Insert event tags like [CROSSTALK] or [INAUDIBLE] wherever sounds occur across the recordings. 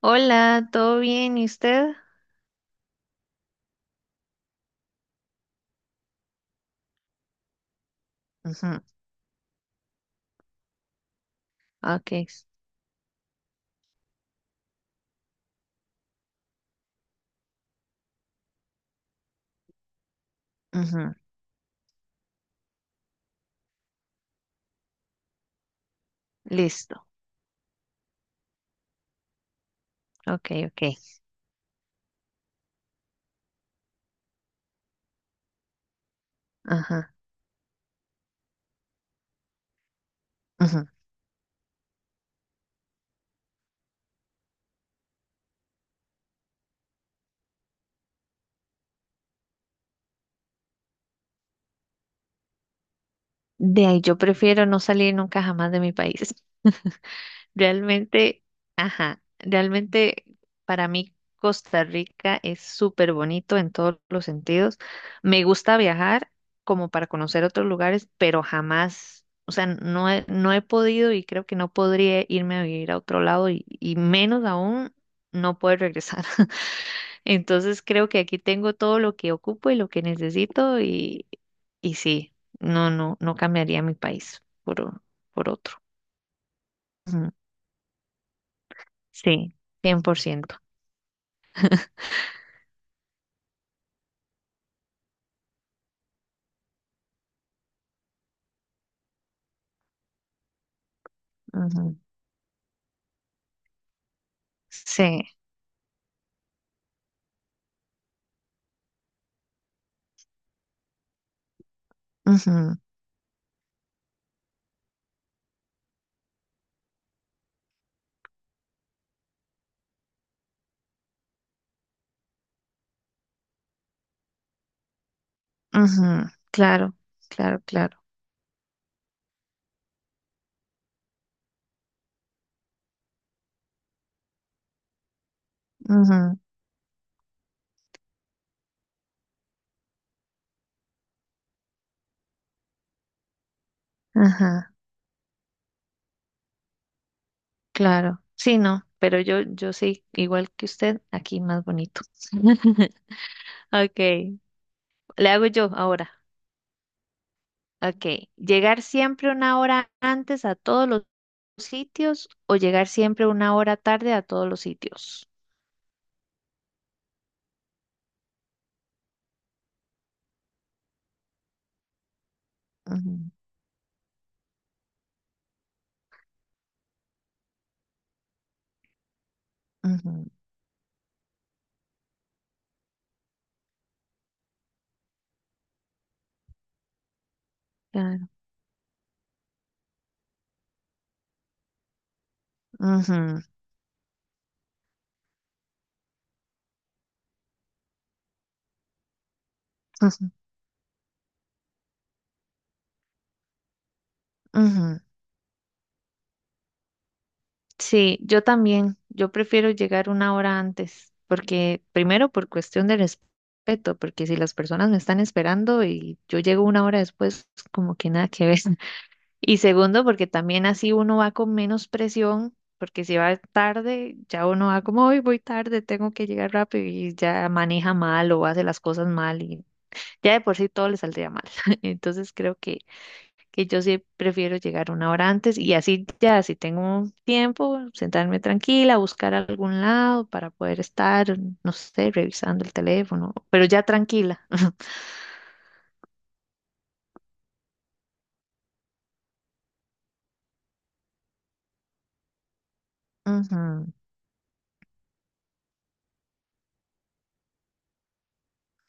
Hola, ¿todo bien? ¿Y usted? Ujú. Ok, ujú, listo. Ok, ok. Ajá, ujú. De ahí yo prefiero no salir nunca jamás de mi país. [LAUGHS] Realmente, ajá, realmente para mí Costa Rica es súper bonito en todos los sentidos. Me gusta viajar como para conocer otros lugares, pero jamás, o sea, no he podido y creo que no podría irme a vivir a otro lado y menos aún no poder regresar. [LAUGHS] Entonces creo que aquí tengo todo lo que ocupo y lo que necesito y sí, no cambiaría mi país por, o- por otro. Ujú. Sí, 100%. Ujú. Sí, ujú, ujú. Claro, claro, claro. Ujú. Ajá, claro. Sí, no, pero yo sí, igual que usted, aquí más bonito. [LAUGHS] Ok, le hago yo ahora. Ok, llegar siempre una hora antes a todos los sitios o llegar siempre una hora tarde a todos los sitios. Ujú, ujú. Claro. Ujú, ujú, ujú. Sí, yo también. Yo prefiero llegar una hora antes, porque primero por cuestión de respeto, porque si las personas me están esperando y yo llego una hora después, como que nada que ver. [LAUGHS] Y segundo, porque también así uno va con menos presión, porque si va tarde, ya uno va como, hoy voy tarde, tengo que llegar rápido y ya maneja mal o hace las cosas mal y ya de por sí todo le saldría mal. [LAUGHS] Entonces creo que yo sí prefiero llegar una hora antes y así ya, si tengo tiempo, sentarme tranquila, buscar algún lado para poder estar, no sé, revisando el teléfono, pero ya tranquila. [LAUGHS] Ujú,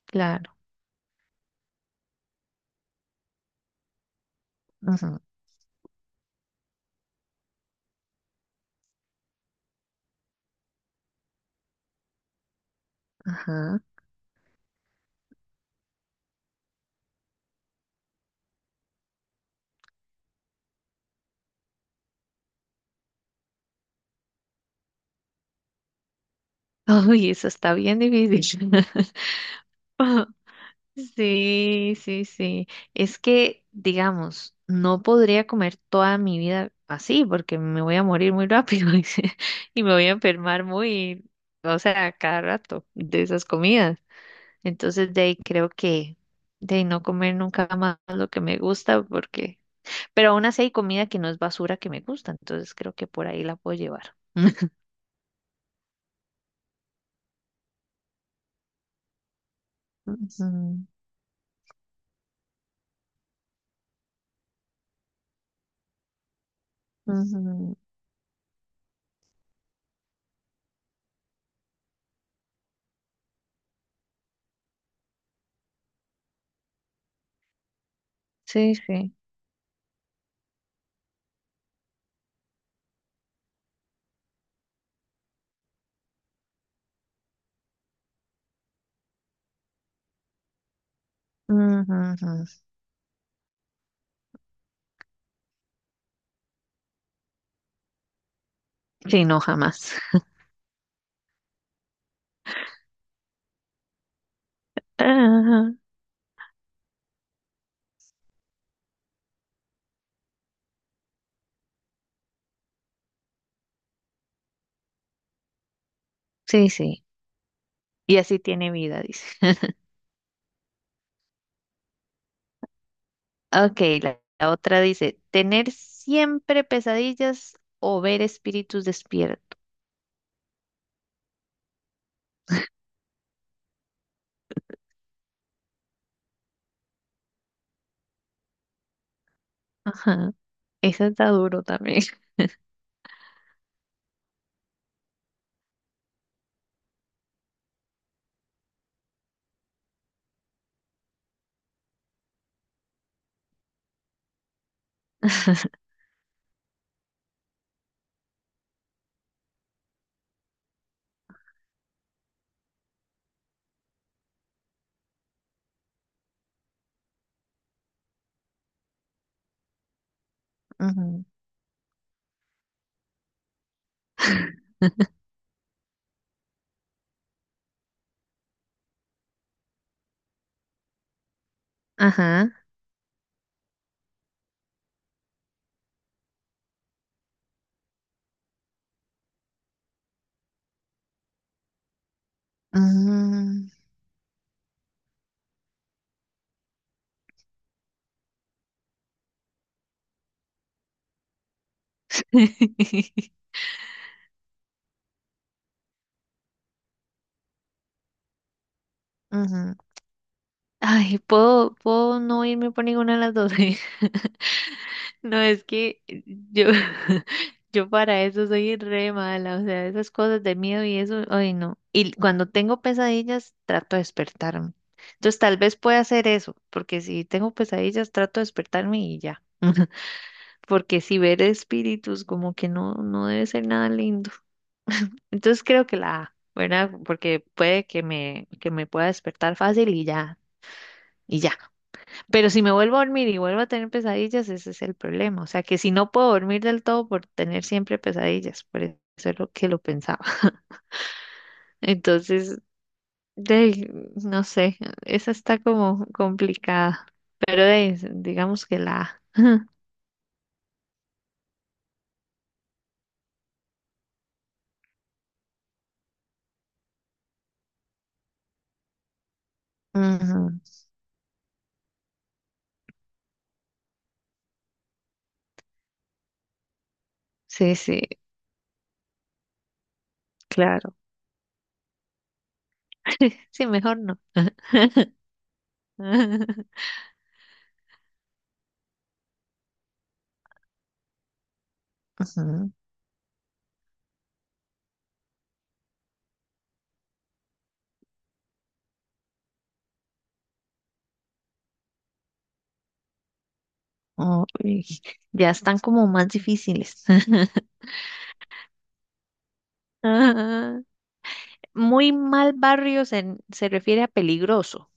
claro. Ujú, ajá. [LAUGHS] Uy, eso está bien difícil. [LAUGHS] Sí, sí, sí. Es que, digamos, no podría comer toda mi vida así porque me voy a morir muy rápido [LAUGHS] y, se- y me voy a enfermar muy, o sea, cada rato de esas comidas. Entonces, de ahí creo que de no comer nunca más lo que me gusta porque, pero aún así hay comida que no es basura que me gusta, entonces creo que por ahí la puedo llevar. [LAUGHS] Ujú, ujú. Sí, sí. Ujú, ujú. Sí, no, jamás. [LAUGHS] Sí, sí. Y así tiene vida, dice. [LAUGHS] Ok, la otra dice, tener siempre pesadillas o ver espíritus despierto. Ajá. Eso está duro también. [LAUGHS] Ujú. Ajá. Mm. [LAUGHS] Ujú. Ay, ¿puedo no irme por ninguna de las dos? [LAUGHS] No, es que yo, [LAUGHS] yo para eso soy re mala, o sea, esas cosas de miedo y eso, ay no. Y cuando tengo pesadillas, trato de despertarme. Entonces tal vez pueda hacer eso, porque si tengo pesadillas, trato de despertarme y ya. Porque si ver espíritus, como que no, no debe ser nada lindo. Entonces creo que la A, ¿verdad? Porque puede que me pueda despertar fácil y ya, y ya. Pero si me vuelvo a dormir y vuelvo a tener pesadillas, ese es el problema. O sea, que si no puedo dormir del todo por tener siempre pesadillas, por eso es lo que lo pensaba. [LAUGHS] Entonces, de, ahí, no sé, esa está como complicada. Pero de ahí, digamos que la... Ujú. Sí, sí, claro. Sí, mejor no. [LAUGHS] Ujú. Uy, ya están como más difíciles. [LAUGHS] Ah, muy mal barrio se refiere a peligroso.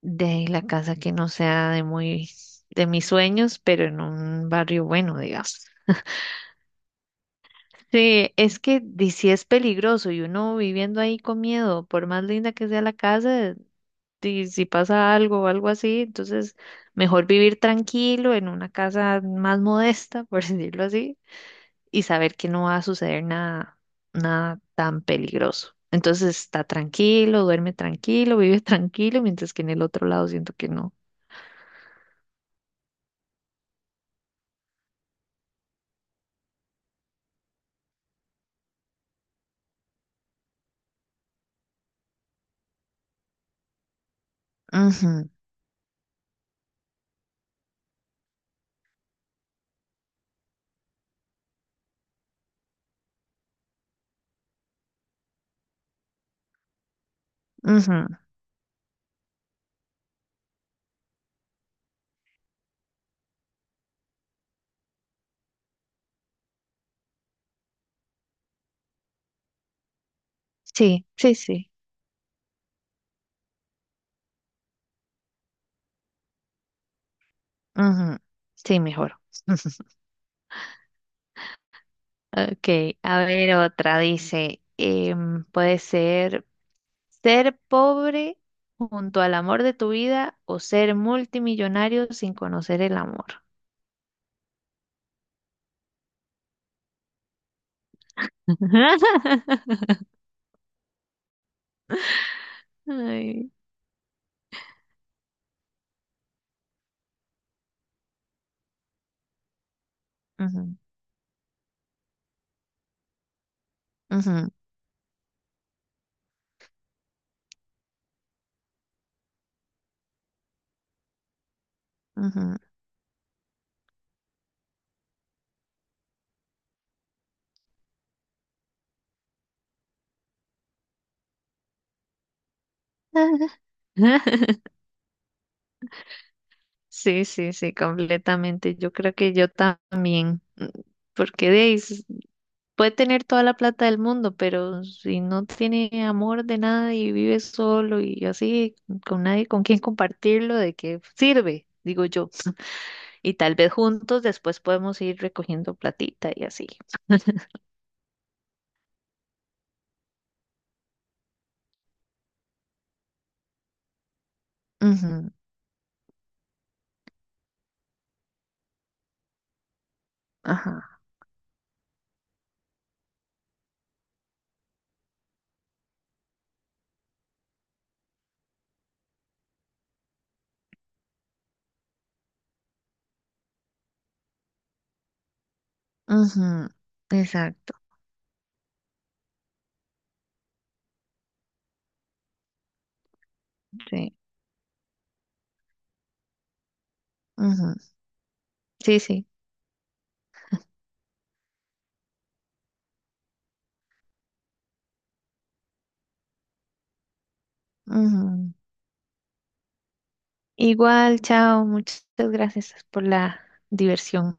De ahí la casa que no sea de mis sueños, pero en un barrio bueno, digamos. Sí, es que di- sí es peligroso y uno viviendo ahí con miedo, por más linda que sea la casa, di- si pasa algo o algo así, entonces mejor vivir tranquilo en una casa más modesta, por [LAUGHS] decirlo así, y saber que no va a suceder nada, nada tan peligroso. Entonces está tranquilo, duerme tranquilo, [LAUGHS] vive tranquilo, mientras que en el otro lado siento que no. Ujú, ujú. Sí, sí, sí. Ujú. Sí, mejor. [LAUGHS] Ok, a ver otra. Dice, em, puede ser pobre junto al amor de tu vida o ser multimillonario sin conocer el amor. [LAUGHS] Ay. Ujú, ujú, ujú. [LAUGHS] Sí, sí, sí, completamente. Yo creo que yo también, mm, porque de ahí s- Puede tener toda la plata del mundo, pero si no tiene amor de nada y vive solo y así, con nadie con quien compartirlo, ¿de qué sirve? Digo yo. Y tal vez juntos después podemos ir recogiendo platita y así. Ujú, ajá. Ujú, exacto. Sí. Ujú. Sí, sí. Ujú. Igual, chao. Muchas gracias por la diversión.